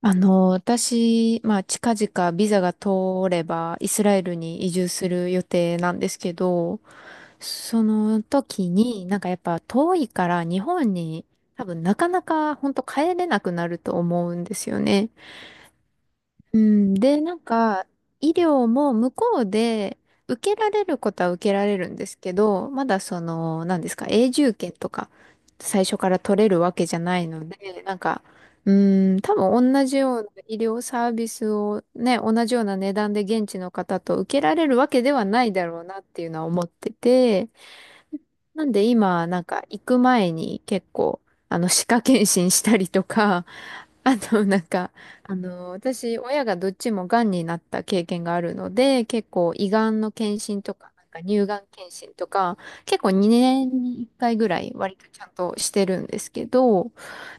私、近々ビザが通ればイスラエルに移住する予定なんですけど、その時にやっぱ遠いから日本に多分なかなか本当帰れなくなると思うんですよね。うん、で、なんか、医療も向こうで受けられることは受けられるんですけど、まだ何ですか、永住権とか、最初から取れるわけじゃないので、う多分同じような医療サービスをね、同じような値段で現地の方と受けられるわけではないだろうなっていうのは思ってて、なんで今、なんか行く前に結構、歯科検診したりとか、あの、なんか、私、親がどっちもがんになった経験があるので、結構胃がんの検診とか、なんか乳がん検診とか、結構2年に1回ぐらい割とちゃんとしてるんですけど、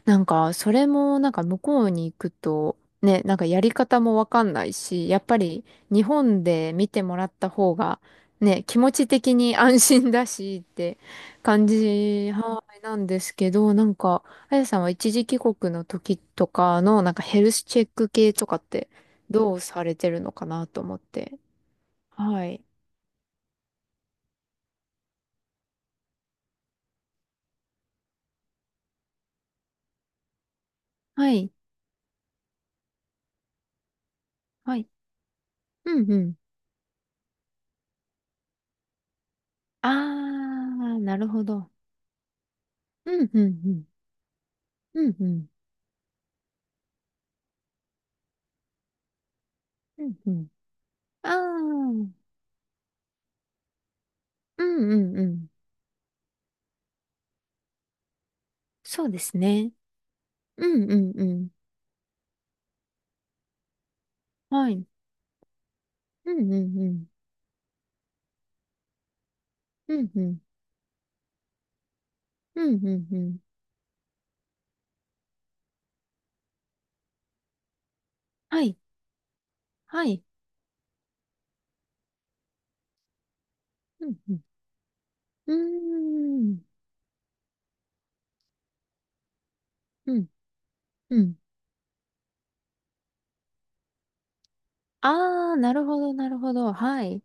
なんか、それもなんか向こうに行くと、ね、なんかやり方もわかんないし、やっぱり日本で見てもらった方が、ね、気持ち的に安心だしって感じ、はい、なんですけど、なんか、あやさんは一時帰国の時とかのなんかヘルスチェック系とかってどうされてるのかなと思って。はい。はい。はい。うんうん。あー、なるほど。うんうんうん。うんうん。うんうん。あー、うんうんうん。そうですね。うんうんうん。はい。うんうんうん。うんうん。うんうんうん。はい。はい。うんうん。うーん。うんうん。あー、なるほど、なるほど。はい。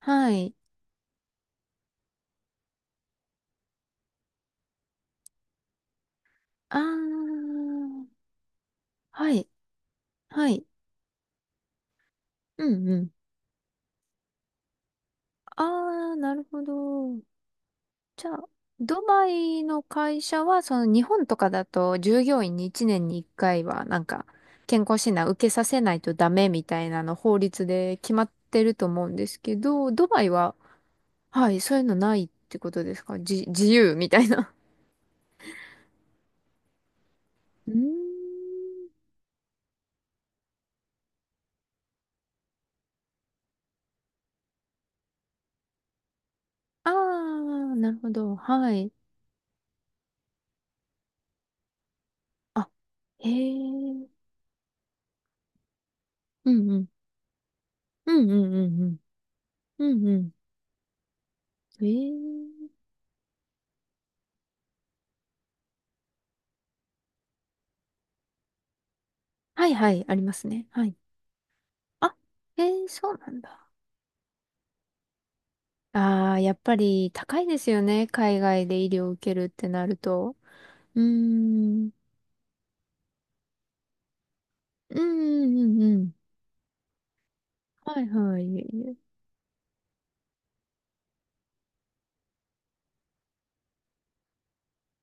はい。あー、はい、はい。うんうん。あー、なるほど。じゃあ、ドバイの会社は、その日本とかだと従業員に1年に1回は、なんか、健康診断受けさせないとダメみたいなの法律で決まってると思うんですけど、ドバイは、はい、そういうのないってことですか自由みたいな。うーん。あー、なるほど。はい。あ、へえ。うんうん。うんうんうんうん。うんうん。えー。はいはい、ありますね。はい。あ、えー、そうなんだ。ああ、やっぱり高いですよね。海外で医療を受けるってなると。うーん。うんうんうんうん。はいはい。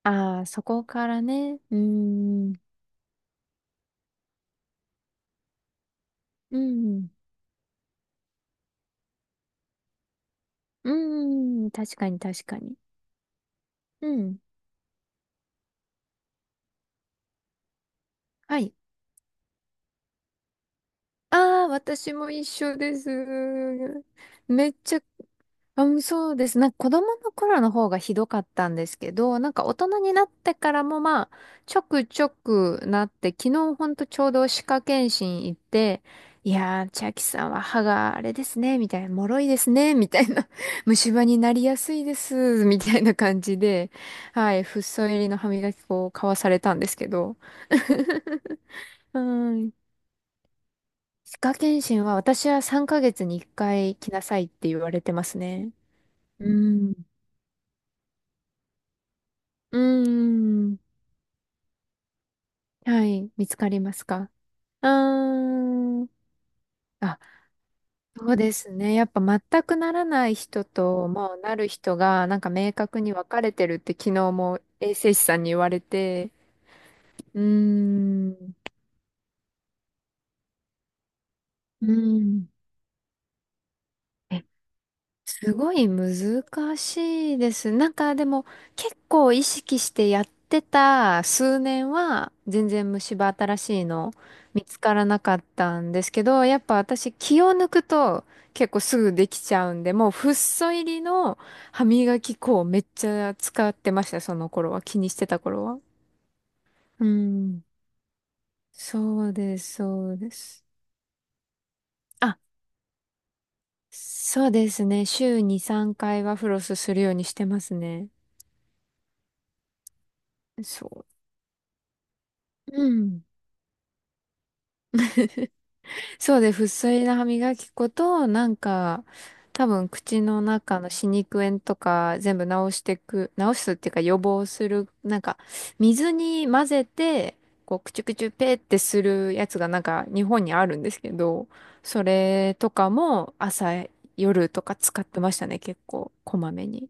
ああ、そこからね。うーん。うん。うーん。確かに確かに。うん。はい。ああ、私も一緒です。めっちゃうんそうです。なんか子供の頃の方がひどかったんですけど、なんか大人になってからもまあ、ちょくちょくなって、昨日ほんとちょうど歯科検診行って、いやー、千秋さんは歯があれですね、みたいな、脆いですね、みたいな、虫歯になりやすいです、みたいな感じで、はい、フッ素入りの歯磨き粉を買わされたんですけど、うん。歯科検診は私は3ヶ月に1回来なさいって言われてますね。うん。うーん。はい。見つかりますか？うーん。あ、そうですね。やっぱ全くならない人と、まあ、なる人が、なんか明確に分かれてるって昨日も衛生士さんに言われて、うーん。うん。えすごい難しいです。なんかでも結構意識してやってた数年は全然虫歯新しいの見つからなかったんですけど、やっぱ私気を抜くと結構すぐできちゃうんで、もうフッ素入りの歯磨き粉をめっちゃ使ってました、その頃は。気にしてた頃は。うん。そうです、そうです。あ、そうですね。週に3回はフロスするようにしてますね。そう。うん。そうで、不粋な歯磨き粉と、なんか、多分口の中の歯肉炎とか全部治すっていうか予防する、なんか、水に混ぜて、こう、くちゅくちゅペーってするやつがなんか日本にあるんですけど、それとかも朝、夜とか使ってましたね、結構、こまめに。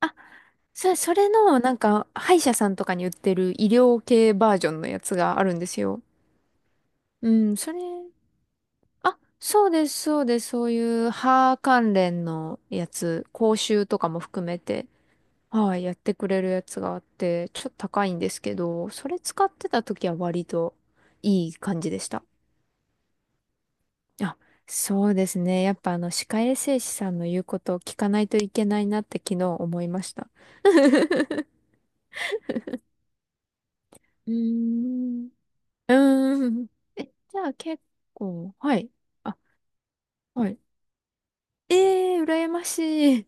あ、それの、なんか、歯医者さんとかに売ってる医療系バージョンのやつがあるんですよ。うん、それあ、そうです、そうです。そういう歯関連のやつ、講習とかも含めて、はい、やってくれるやつがあって、ちょっと高いんですけど、それ使ってた時は割といい感じでした。あ、そうですね。やっぱ歯科衛生士さんの言うことを聞かないといけないなって昨日思いました。うーん。うーん。え、じゃあ結構、はい。あ、はい。ええー、羨ましい。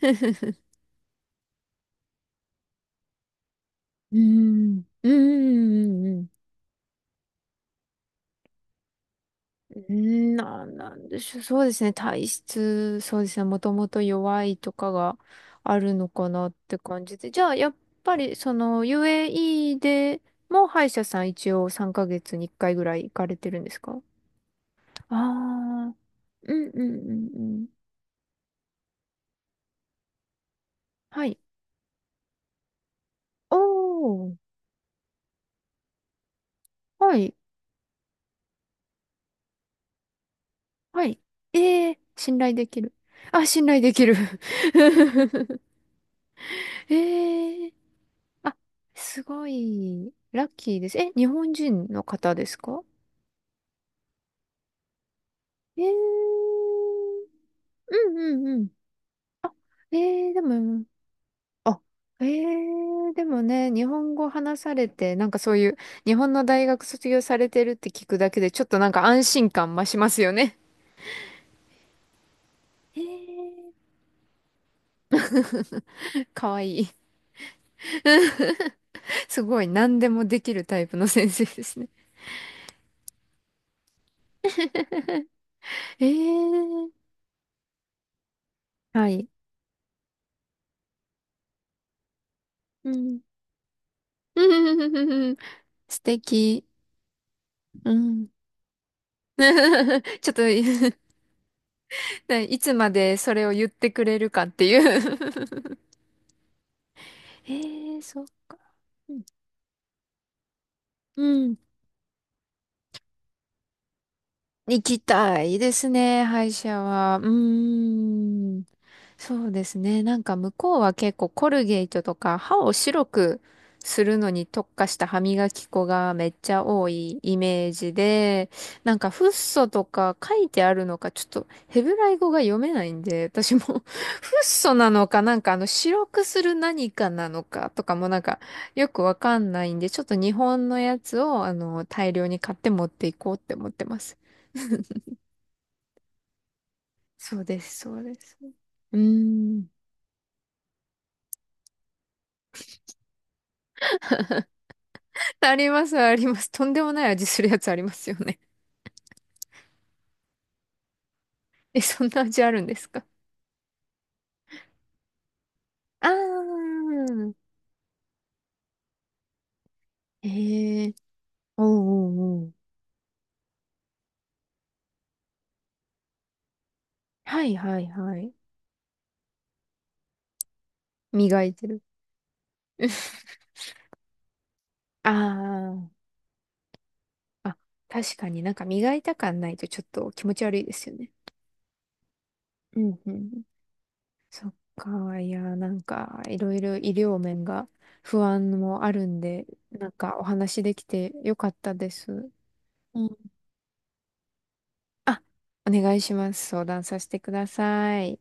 うーん、うーん、うーん、なんでしょう。そうですね。体質、そうですね。もともと弱いとかがあるのかなって感じで。じゃあ、やっぱり、その、UAE でも歯医者さん一応3ヶ月に1回ぐらい行かれてるんですか？ああー、うん、うん、うん、うん。はい。おー、はい、はい。えー、信頼できる。あ、信頼できる。えーあ、すごい、ラッキーです。え、日本人の方ですか？えー、うんうんうん。あ、えー、でも、あ、えー、でもね、日本語話されて、なんかそういう、日本の大学卒業されてるって聞くだけで、ちょっとなんか安心感増しますよね。えー、かわいい。すごい、何でもできるタイプの先生ですね。えー、はい。うん。素敵。うん。ちょっと いつまでそれを言ってくれるかっていう。 えーそっか。うん。うん行きたいですね、歯医者は。うーん。そうですね。なんか向こうは結構コルゲートとか歯を白くするのに特化した歯磨き粉がめっちゃ多いイメージで、なんかフッ素とか書いてあるのかちょっとヘブライ語が読めないんで、私も フッ素なのかなんかあの白くする何かなのかとかもなんかよくわかんないんで、ちょっと日本のやつをあの大量に買って持っていこうって思ってます。そうです、そうです。うーん。あります、あります。とんでもない味するやつありますよね。え、そんな味あるんですか？あー。ええーおうおうおう。はいはいはい。磨いてる。ああ。あ、確かになんか磨いた感ないとちょっと気持ち悪いですよね。うんうん。そっか。いや、なんかいろいろ医療面が不安もあるんで、なんかお話できてよかったです。うんあ、お願いします。相談させてください。